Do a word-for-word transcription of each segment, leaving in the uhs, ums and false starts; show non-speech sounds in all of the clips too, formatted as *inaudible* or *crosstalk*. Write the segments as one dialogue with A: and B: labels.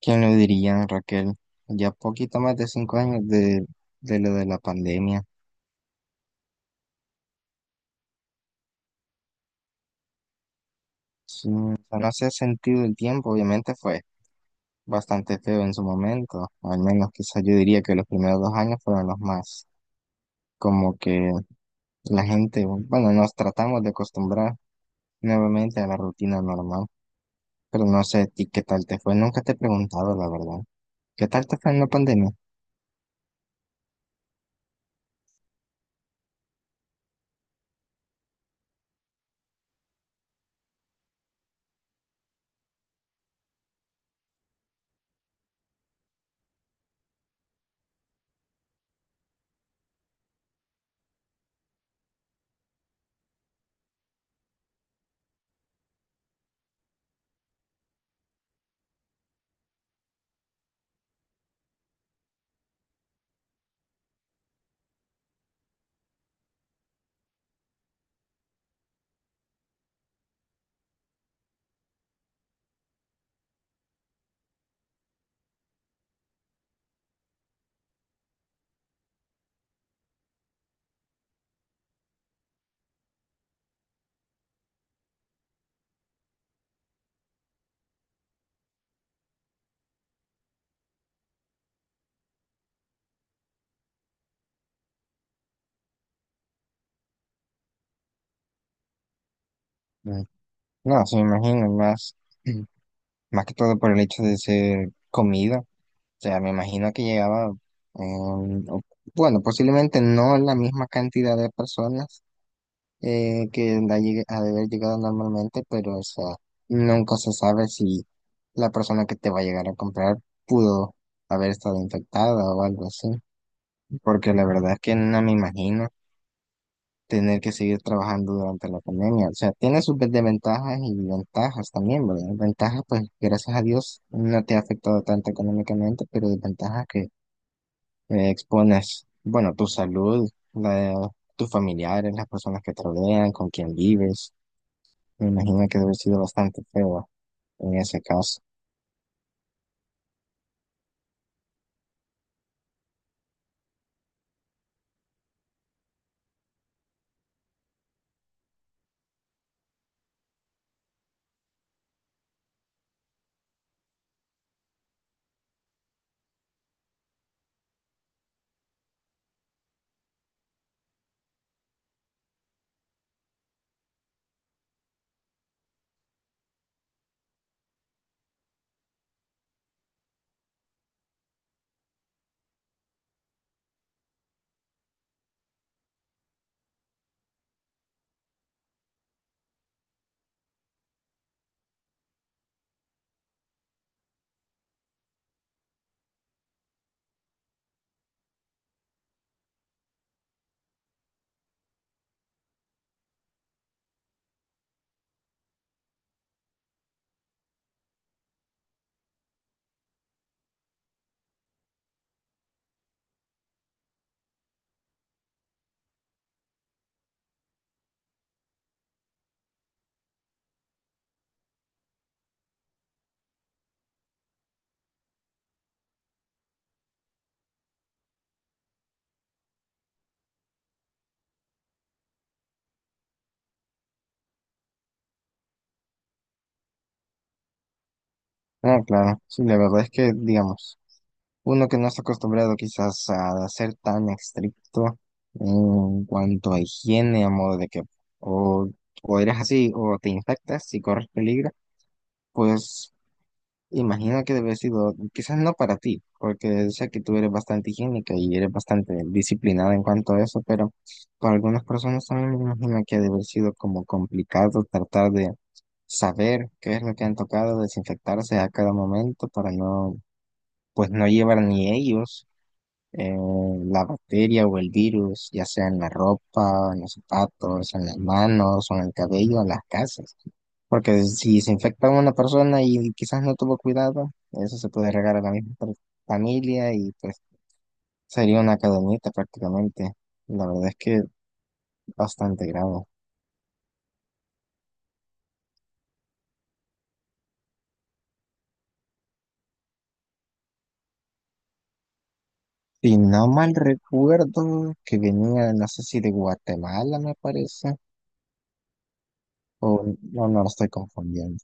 A: ¿Quién lo diría, Raquel? Ya poquito más de cinco años de, de lo de la pandemia. Sí, o sea, no se ha sentido el tiempo. Obviamente fue bastante feo en su momento. Al menos quizás yo diría que los primeros dos años fueron los más como que la gente, bueno, nos tratamos de acostumbrar nuevamente a la rutina normal. Pero no sé a ti qué tal te fue, nunca te he preguntado la verdad. ¿Qué tal te fue en la pandemia? Mm. No, se me imagino más, *clears throat* más que todo por el hecho de ser comida. Sea, me imagino que llegaba, em, o- bueno, posiblemente no la misma cantidad de personas eh, que la llegue- ha de haber llegado normalmente, pero o sea, nunca se sabe si la persona que te va a llegar a comprar pudo haber estado infectada o algo así, porque la verdad es que no me imagino tener que seguir trabajando durante la pandemia. O sea, tiene sus desventajas y ventajas también, ¿verdad? Ventajas, pues, gracias a Dios, no te ha afectado tanto económicamente, pero desventajas que eh, expones, bueno, tu salud, la de tus familiares, las personas que te rodean, con quien vives. Me imagino que debe haber sido bastante feo en ese caso. Ah, claro, sí, la verdad es que, digamos, uno que no está acostumbrado quizás a ser tan estricto en cuanto a higiene, a modo de que o, o eres así o te infectas y corres peligro, pues imagino que debe haber sido, quizás no para ti, porque sé que tú eres bastante higiénica y eres bastante disciplinada en cuanto a eso, pero para algunas personas también me imagino que ha de haber sido como complicado tratar de saber qué es lo que han tocado, desinfectarse a cada momento para no, pues no llevar ni ellos eh, la bacteria o el virus, ya sea en la ropa, en los zapatos, en las manos o en el cabello, en las casas. Porque si se infecta una persona y quizás no tuvo cuidado, eso se puede regar a la misma per- familia, y pues sería una cadenita prácticamente. La verdad es que bastante grave. Si no mal recuerdo que venía, no sé si de Guatemala me parece, o no, no lo estoy confundiendo.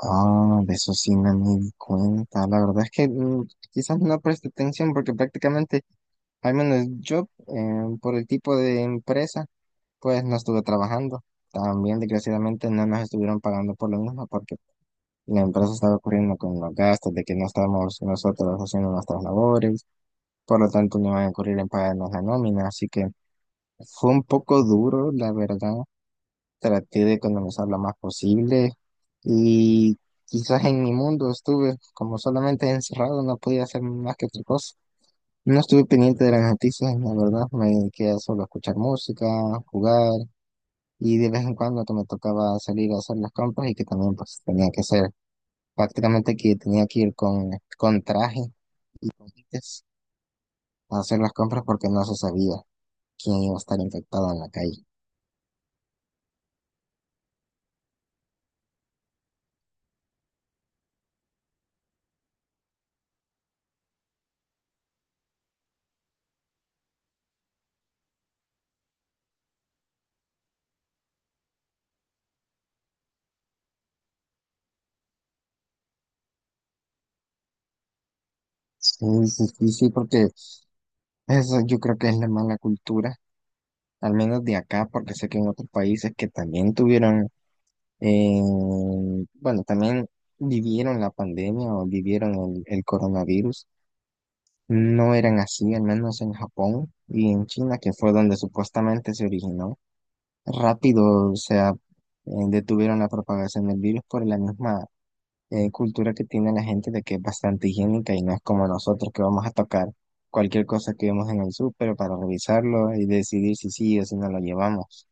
A: Ah, de eso sí no me di cuenta. La verdad es que mm, quizás no preste atención porque prácticamente, al menos yo, eh, por el tipo de empresa, pues no estuve trabajando. También, desgraciadamente, no nos estuvieron pagando por lo mismo porque la empresa estaba ocurriendo con los gastos de que no estábamos nosotros haciendo nuestras labores. Por lo tanto, no iban a ocurrir en pagarnos la nómina. Así que fue un poco duro, la verdad. Traté de economizar lo más posible, y quizás en mi mundo estuve como solamente encerrado, no podía hacer más que otra cosa. No estuve pendiente de las noticias, la verdad, me quedé solo a escuchar música, jugar, y de vez en cuando que me tocaba salir a hacer las compras y que también pues tenía que ser prácticamente que tenía que ir con, con, traje y con guantes a hacer las compras porque no se sabía quién iba a estar infectado en la calle. Sí, sí, sí, sí, porque eso yo creo que es la mala cultura al menos de acá, porque sé que en otros países que también tuvieron, eh, bueno, también vivieron la pandemia o vivieron el, el coronavirus, no eran así, al menos en Japón y en China, que fue donde supuestamente se originó. Rápido, o sea, eh, detuvieron la propagación del virus por la misma eh, cultura que tiene la gente de que es bastante higiénica, y no es como nosotros que vamos a tocar cualquier cosa que vemos en el súper para revisarlo y decidir si sí o si no lo llevamos.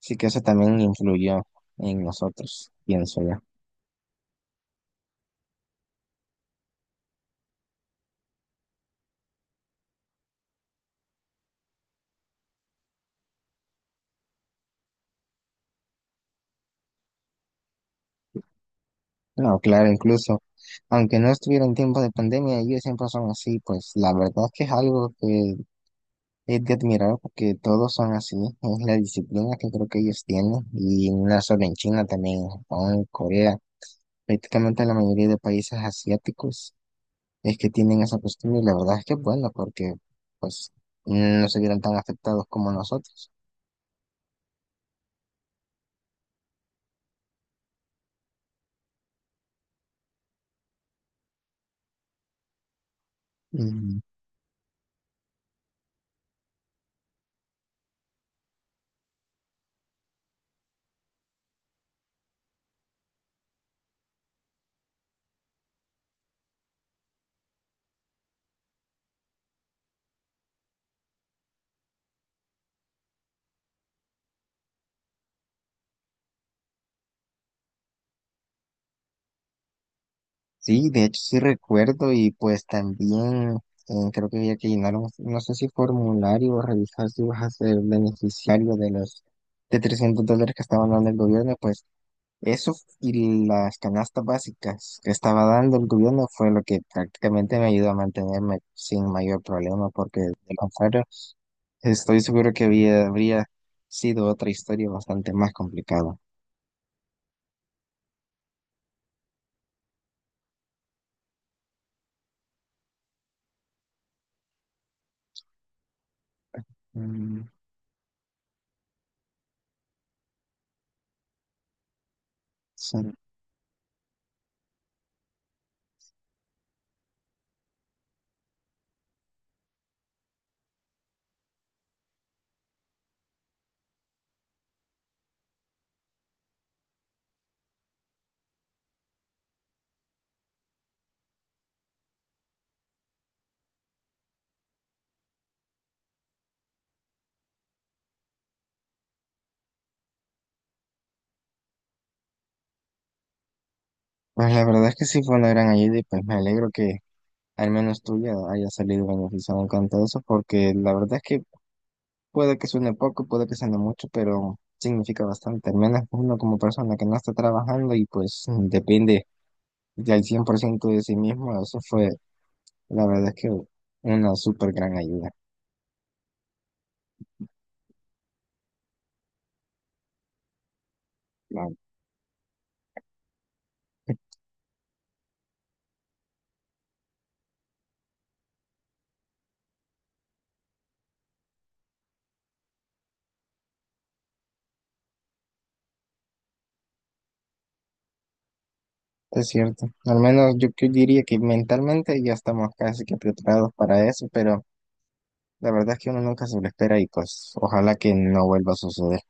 A: Sí que eso también influyó en nosotros, pienso yo. No, claro, incluso, aunque no estuviera en tiempo de pandemia, ellos siempre son así, pues la verdad es que es algo que es de admirar porque todos son así, es la disciplina que creo que ellos tienen, y no solo en China, también en Japón, en Corea, prácticamente la mayoría de países asiáticos es que tienen esa costumbre, y la verdad es que es bueno porque, pues, no se vieron tan afectados como nosotros. Sí, de hecho sí recuerdo, y pues también eh, creo que había que llenar un, no sé si formulario o revisar si vas a ser beneficiario de los de trescientos dólares que estaban dando el gobierno, pues eso y las canastas básicas que estaba dando el gobierno fue lo que prácticamente me ayudó a mantenerme sin mayor problema, porque de lo contrario estoy seguro que había, habría sido otra historia bastante más complicada. Mm, sí. Pues la verdad es que sí fue una gran ayuda, y pues me alegro que al menos tuya haya salido beneficiado en eso, porque la verdad es que puede que suene poco, puede que suene mucho, pero significa bastante. Al menos uno como persona que no está trabajando y pues depende del cien por ciento de sí mismo, eso fue, la verdad es que, una súper gran ayuda. la- Es cierto, al menos yo, yo, diría que mentalmente ya estamos casi que preparados para eso, pero la verdad es que uno nunca se lo espera, y pues ojalá que no vuelva a suceder.